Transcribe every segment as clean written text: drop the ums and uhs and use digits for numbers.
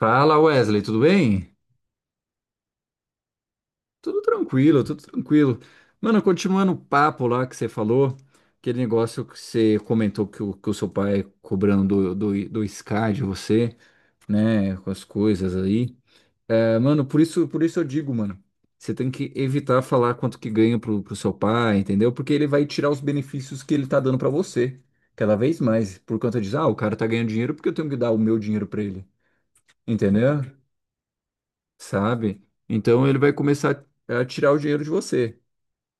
Fala Wesley, tudo bem? Tudo tranquilo, tudo tranquilo. Mano, continuando o papo lá que você falou, aquele negócio que você comentou que o seu pai cobrando do Sky de você, né, com as coisas aí. É, mano, por isso eu digo, mano, você tem que evitar falar quanto que ganha pro seu pai, entendeu? Porque ele vai tirar os benefícios que ele tá dando pra você, cada vez mais, por conta disso, o cara tá ganhando dinheiro porque eu tenho que dar o meu dinheiro pra ele, entendeu? Sabe? Então ele vai começar a tirar o dinheiro de você,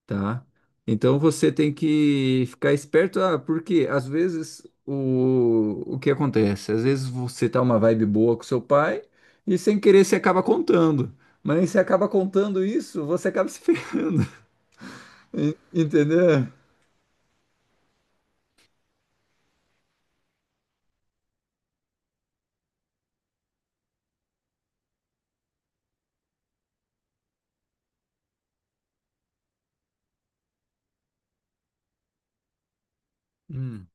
tá? Então você tem que ficar esperto, porque às vezes o que acontece? Às vezes você tá uma vibe boa com seu pai e sem querer você acaba contando. Mas você acaba contando isso, você acaba se ferrando, entendeu? Hum.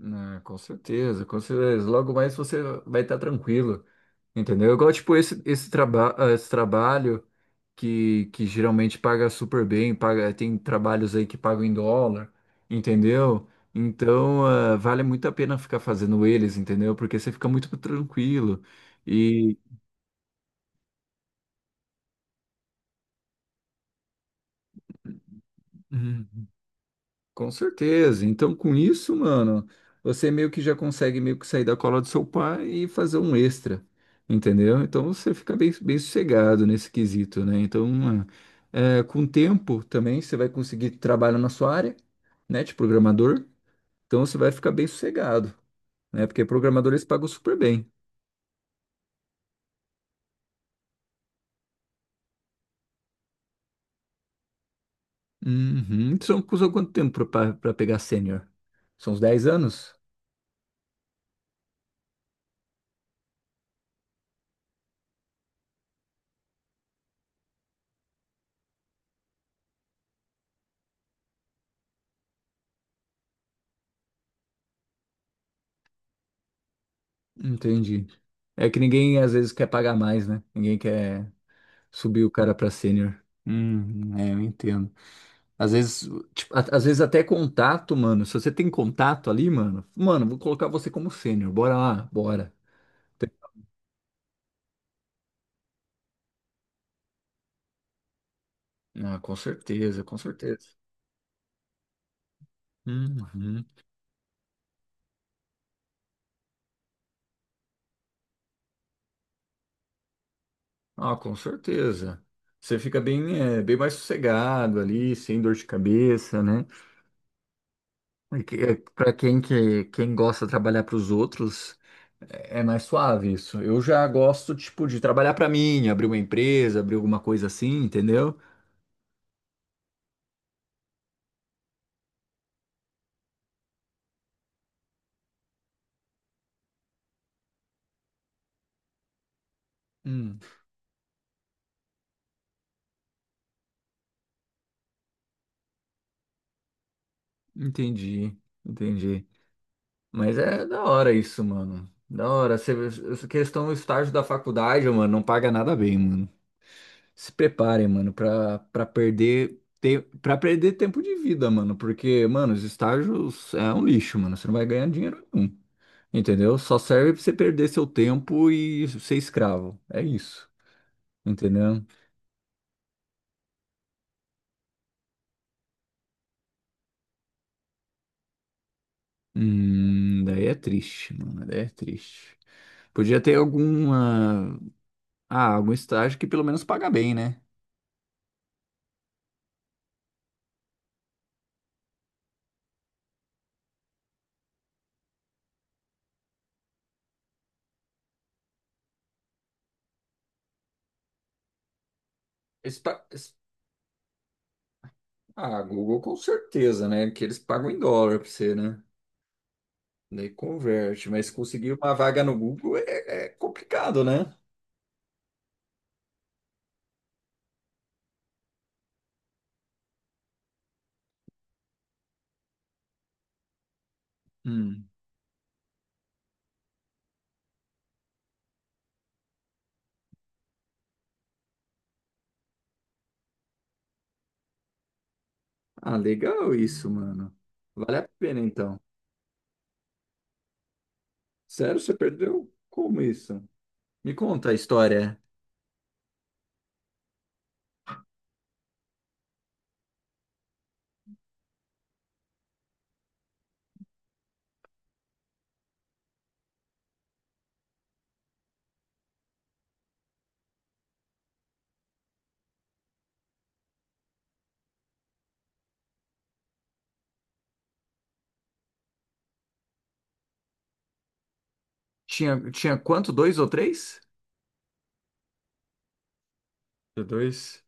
Ah, com certeza, com certeza. Logo mais você vai estar tranquilo, entendeu? Igual, tipo, esse trabalho que geralmente paga super bem, paga, tem trabalhos aí que pagam em dólar, entendeu? Então, vale muito a pena ficar fazendo eles, entendeu? Porque você fica muito tranquilo. E, Uhum. Com certeza. Então, com isso, mano, você meio que já consegue meio que sair da cola do seu pai e fazer um extra, entendeu? Então, você fica bem, bem sossegado nesse quesito, né? Então, com o tempo também você vai conseguir trabalho na sua área, né, de programador. Então, você vai ficar bem sossegado, né? Porque programadores pagam super bem. Uhum. São quanto tempo para pegar sênior? São uns 10 anos? Entendi. É que ninguém às vezes quer pagar mais, né? Ninguém quer. Subir o cara pra sênior. É, eu entendo. Às vezes, tipo, às vezes até contato, mano. Se você tem contato ali, mano, vou colocar você como sênior. Bora lá, bora. Tem- Ah, com certeza, com certeza. Uhum. Ah, com certeza. Você fica bem, é, bem mais sossegado ali, sem dor de cabeça, né? Pra quem quem gosta de trabalhar pros outros, é mais suave isso. Eu já gosto, tipo, de trabalhar pra mim, abrir uma empresa, abrir alguma coisa assim, entendeu? Hum, entendi, entendi. Mas é da hora isso, mano. Da hora. Essa questão do estágio da faculdade, mano, não paga nada bem, mano. Se preparem, mano, pra perder, pra perder tempo de vida, mano. Porque, mano, os estágios é um lixo, mano. Você não vai ganhar dinheiro nenhum. Entendeu? Só serve pra você perder seu tempo e ser escravo. É isso. Entendeu? Daí é triste, mano. Daí é triste. Podia ter alguma. Ah, algum estágio que pelo menos paga bem, né? Eles pa- eles- Ah, Google com certeza, né? Que eles pagam em dólar pra você, né? Daí converte, mas conseguir uma vaga no Google é, é complicado, né? Hum. Ah, legal isso, mano. Vale a pena então. Sério, você perdeu? Como isso? Me conta a história. Tinha, tinha quanto? Dois ou três? Deu dois?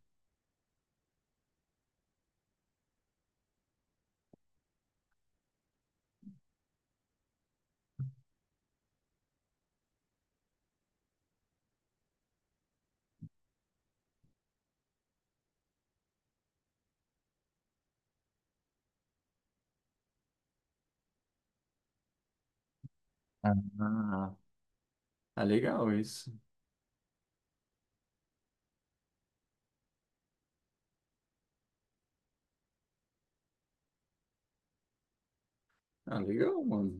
Ah, ah, legal isso. Ah, legal, mano.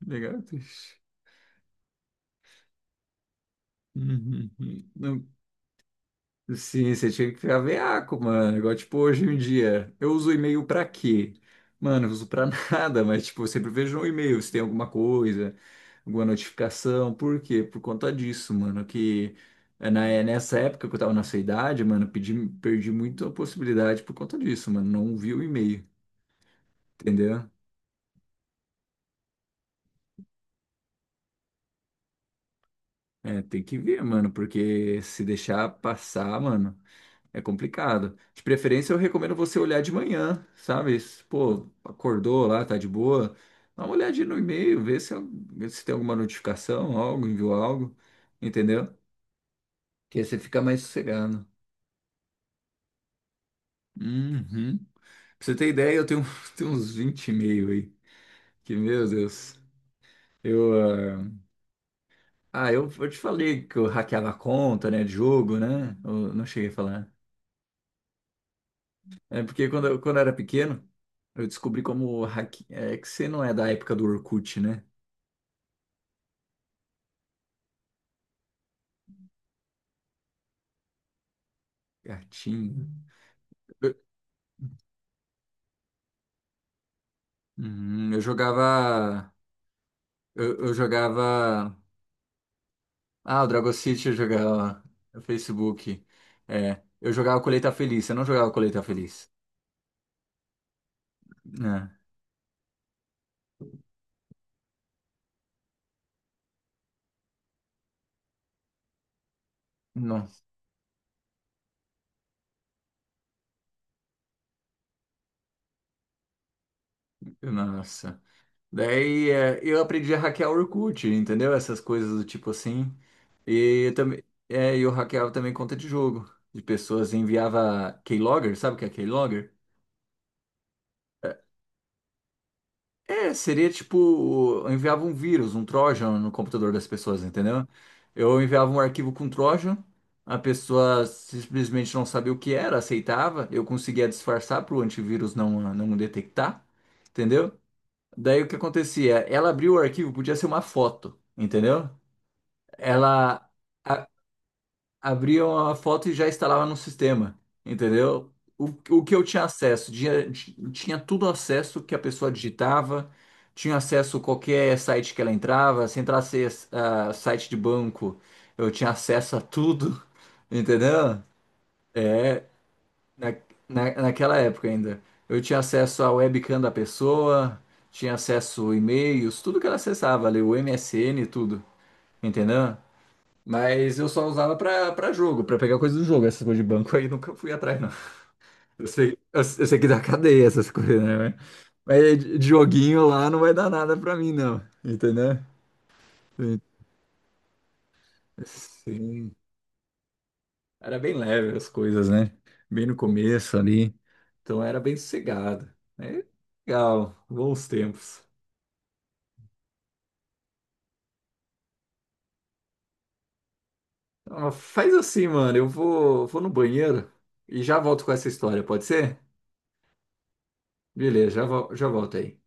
Legal, bicho. Uhum, uhum. Sim, você tinha que ficar veaco, mano. Igual, tipo, hoje em dia, eu uso e-mail pra quê? Mano, eu uso pra nada, mas, tipo, eu sempre vejo um e-mail, se tem alguma coisa, alguma notificação. Por quê? Por conta disso, mano, que é nessa época que eu tava na sua idade, mano, perdi muito a possibilidade por conta disso, mano. Não vi o e-mail, entendeu? É, tem que ver, mano, porque se deixar passar, mano. É complicado. De preferência, eu recomendo você olhar de manhã, sabe? Se, Pô, acordou lá, tá de boa. Dá uma olhadinha no e-mail, vê se tem alguma notificação, algo, enviou algo, entendeu? Que aí você fica mais sossegado. Uhum. Pra você ter ideia, eu tenho, tenho uns 20 e-mail aí. Que, meu Deus. Eu, ah, eu, te falei que eu hackeava a conta, né, de jogo, né? Eu não cheguei a falar. É porque quando eu era pequeno, eu descobri como hack... é que você não é da época do Orkut, né? Gatinho. Eu, Uhum, eu jogava. Eu jogava. Ah, o Dragon City eu jogava no Facebook. É, eu jogava Colheita Feliz, eu não jogava Colheita Feliz. Não, nossa, nossa. Daí é, eu aprendi a hackear o Orkut, entendeu? Essas coisas do tipo assim. E eu também, é, e eu hackeava também conta de jogo. De pessoas enviava keylogger, sabe o que é keylogger? É, seria tipo, eu enviava um vírus, um Trojan no computador das pessoas, entendeu? Eu enviava um arquivo com Trojan, a pessoa simplesmente não sabia o que era, aceitava, eu conseguia disfarçar para o antivírus não detectar, entendeu? Daí o que acontecia? Ela abriu o arquivo, podia ser uma foto, entendeu? ela a- Abria uma foto e já instalava no sistema, entendeu? O que eu tinha acesso, tinha tudo acesso que a pessoa digitava, tinha acesso a qualquer site que ela entrava, se entrasse a site de banco, eu tinha acesso a tudo, entendeu? Na, Naquela época ainda. Eu tinha acesso à webcam da pessoa, tinha acesso a e-mails, tudo que ela acessava ali, o MSN e tudo, entendeu? Mas eu só usava pra jogo, pra pegar coisa do jogo. Essas coisas de banco aí nunca fui atrás, não. Eu sei, eu sei que dá cadeia essas coisas, né? Mas de joguinho lá não vai dar nada pra mim, não. Entendeu? Sim. Era bem leve as coisas, né? Bem no começo ali. Então era bem sossegado. É legal, bons tempos. Ah, faz assim, mano. Vou no banheiro e já volto com essa história, pode ser? Beleza, já volto aí.